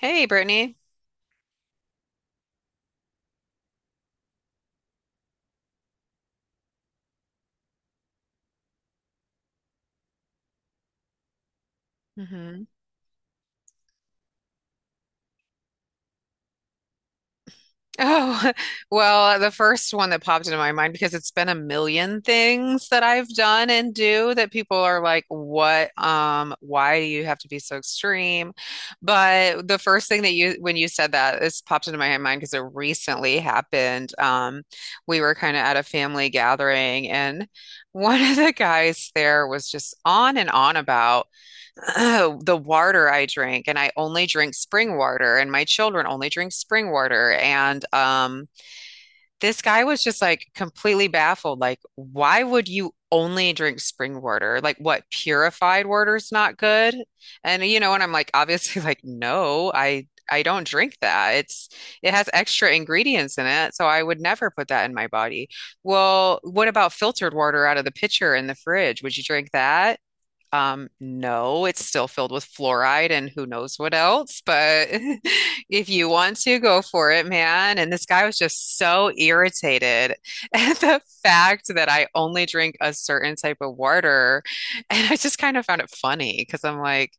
Hey, Brittany. hmm Oh, well, the first one that popped into my mind because it's been a million things that I've done and do that people are like, "What? Why do you have to be so extreme?" But the first thing that you when you said that, this popped into my mind because it recently happened. We were kind of at a family gathering, and one of the guys there was just on and on about. Oh, the water I drink, and I only drink spring water, and my children only drink spring water. And this guy was just like completely baffled. Like, why would you only drink spring water? Like, what, purified water's not good? And you know, and I'm like, obviously, like, no, I don't drink that. It has extra ingredients in it, so I would never put that in my body. Well, what about filtered water out of the pitcher in the fridge? Would you drink that? No, it's still filled with fluoride and who knows what else, but if you want to, go for it, man. And this guy was just so irritated at the fact that I only drink a certain type of water. And I just kind of found it funny because I'm like,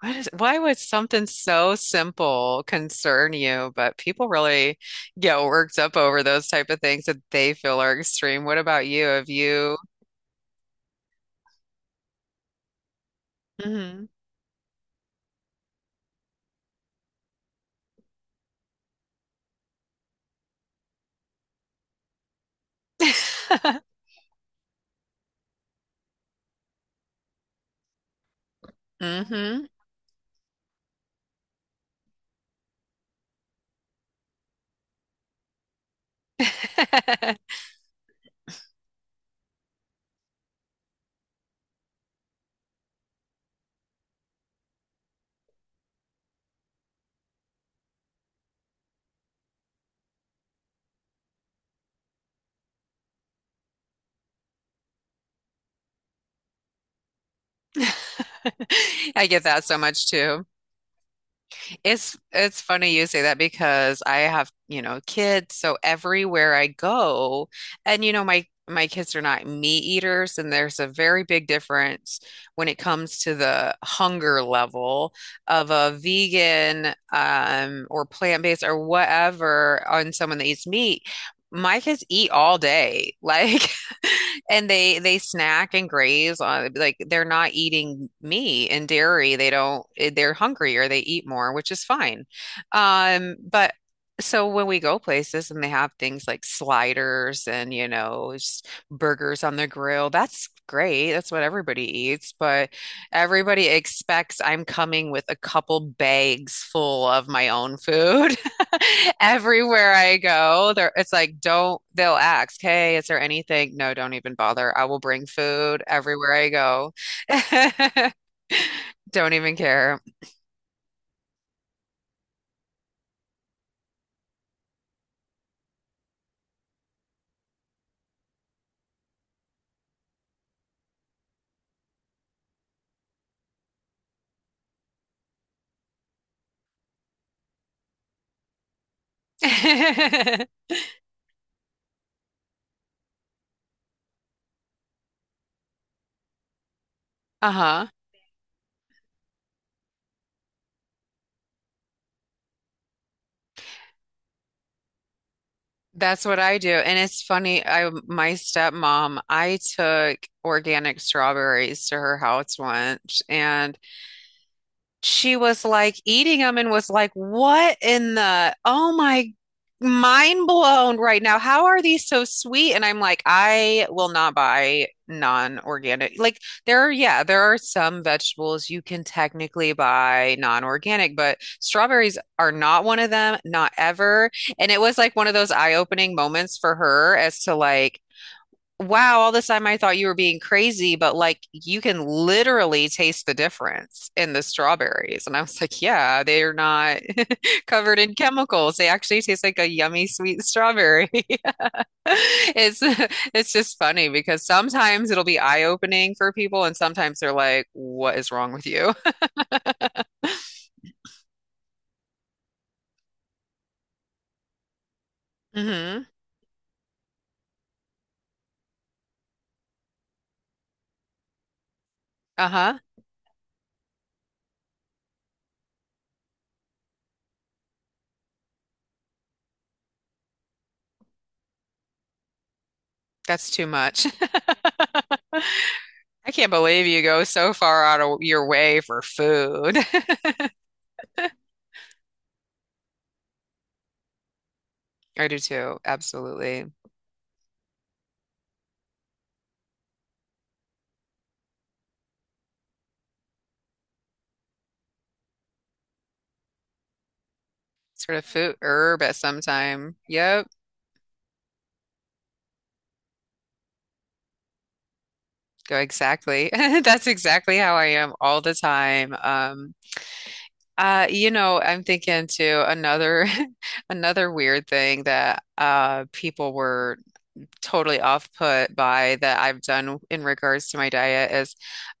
why would something so simple concern you? But people really get worked up over those type of things that they feel are extreme. What about you? Have you? hmm hmm I get that so much too. It's funny you say that because I have, you know, kids, so everywhere I go, and you know, my kids are not meat eaters, and there's a very big difference when it comes to the hunger level of a vegan or plant-based or whatever on someone that eats meat. My kids eat all day. Like and they snack and graze on, like they're not eating meat and dairy. They don't they're hungry or they eat more, which is fine. But so when we go places and they have things like sliders and you know just burgers on the grill, that's great. That's what everybody eats, but everybody expects I'm coming with a couple bags full of my own food. Everywhere I go, there it's like don't, they'll ask, "Hey, is there anything?" No, don't even bother. I will bring food everywhere I go. Don't even care. Uh-huh. That's what I do. And it's funny, I my stepmom, I took organic strawberries to her house once and she was like eating them and was like, what in the, oh my, mind blown right now. How are these so sweet? And I'm like, I will not buy non-organic. Like there are, yeah, there are some vegetables you can technically buy non-organic, but strawberries are not one of them, not ever. And it was like one of those eye-opening moments for her as to like, wow, all this time I thought you were being crazy, but like you can literally taste the difference in the strawberries. And I was like, yeah, they're not covered in chemicals. They actually taste like a yummy sweet strawberry. It's it's just funny because sometimes it'll be eye-opening for people and sometimes they're like, what is wrong with you? hmm Uh-huh. That's too much. I can't believe you go so far out of your way for food. I do too. Absolutely. Sort of food herb at some time. Yep. Go exactly. That's exactly how I am all the time. You know, I'm thinking too, another another weird thing that people were totally off put by that I've done in regards to my diet is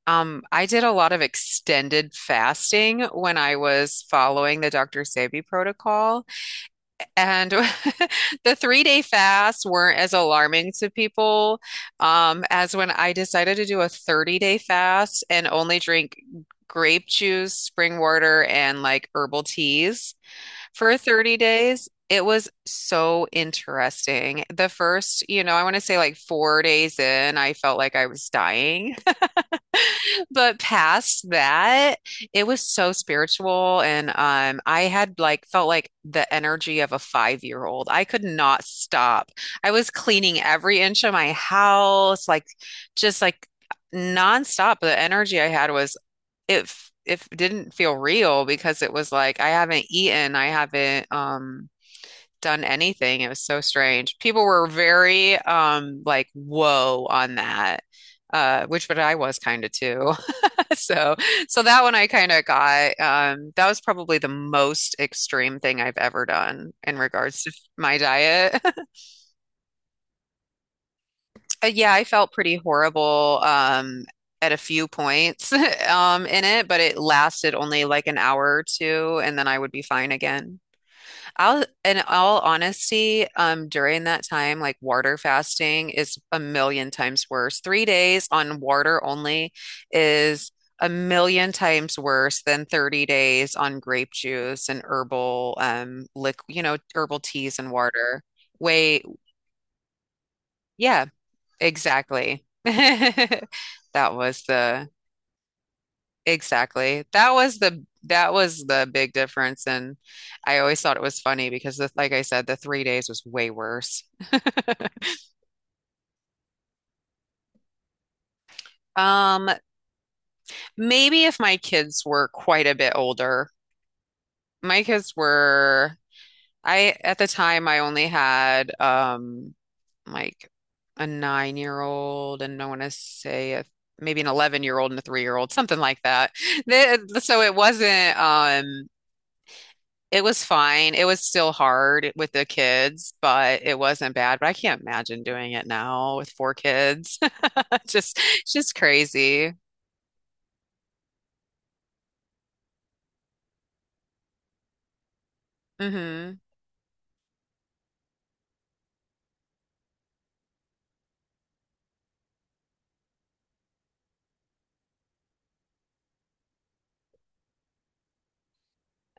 I did a lot of extended fasting when I was following the Dr. Sebi protocol. And the 3 day fasts weren't as alarming to people, as when I decided to do a 30-day fast and only drink grape juice, spring water, and like herbal teas for 30 days. It was so interesting. The first, you know, I want to say like 4 days in, I felt like I was dying. But past that, it was so spiritual and I had like felt like the energy of a 5-year-old. I could not stop. I was cleaning every inch of my house, like just like nonstop. The energy I had was, if didn't feel real because it was like I haven't eaten, I haven't done anything. It was so strange. People were very like whoa on that. Which But I was kind of too. So, so that one I kind of got. That was probably the most extreme thing I've ever done in regards to my diet. Yeah, I felt pretty horrible, at a few points, in it, but it lasted only like an hour or two, and then I would be fine again. In all honesty, during that time, like water fasting is a million times worse. 3 days on water only is a million times worse than 30 days on grape juice and herbal, liq you know, herbal teas and water. Way, yeah, exactly. That was the Exactly. That was the big difference. And I always thought it was funny because like I said, the 3 days was way worse. Um, Maybe if my kids were quite a bit older. My kids were I, at the time, I only had like a 9-year-old old, and I want to say a, maybe an 11-year-old and a 3-year-old old, something like that. It wasn't it was fine. It was still hard with the kids, but it wasn't bad. But I can't imagine doing it now with four kids. Just, just crazy. hmm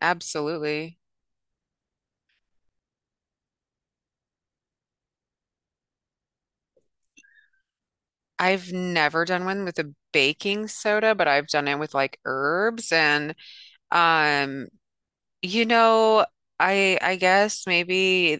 Absolutely. I've never done one with a baking soda, but I've done it with like herbs and um, you know, I guess maybe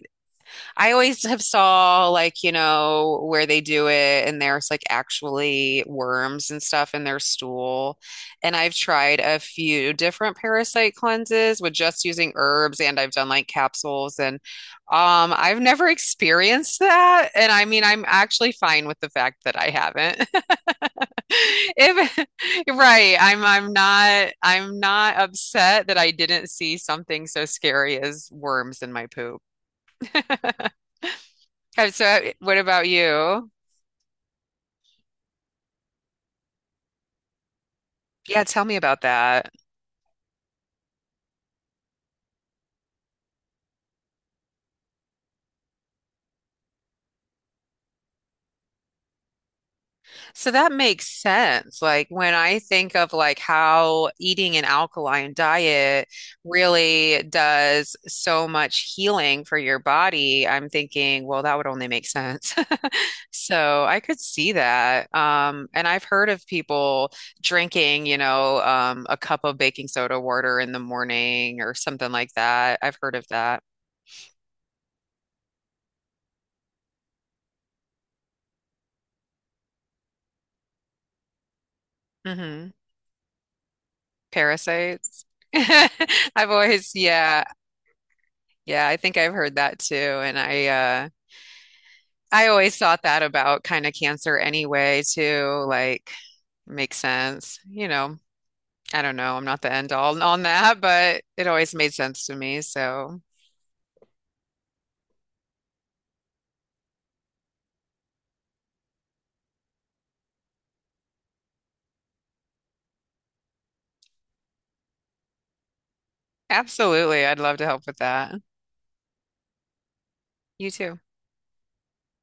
I always have saw, like, you know, where they do it and there's like actually worms and stuff in their stool. And I've tried a few different parasite cleanses with just using herbs and I've done like capsules and I've never experienced that. And I mean, I'm actually fine with the fact that I haven't. If, right, I'm not upset that I didn't see something so scary as worms in my poop. What about you? Yeah, tell me about that. So that makes sense. Like when I think of like how eating an alkaline diet really does so much healing for your body, I'm thinking, well, that would only make sense. So I could see that. And I've heard of people drinking, you know, a cup of baking soda water in the morning or something like that. I've heard of that. hmm Parasites. I've always, yeah, yeah, I think I've heard that too. I always thought that about kind of cancer anyway, too. Like, makes sense. You know, I don't know. I'm not the end all on that, but it always made sense to me. So, absolutely, I'd love to help with that. You too.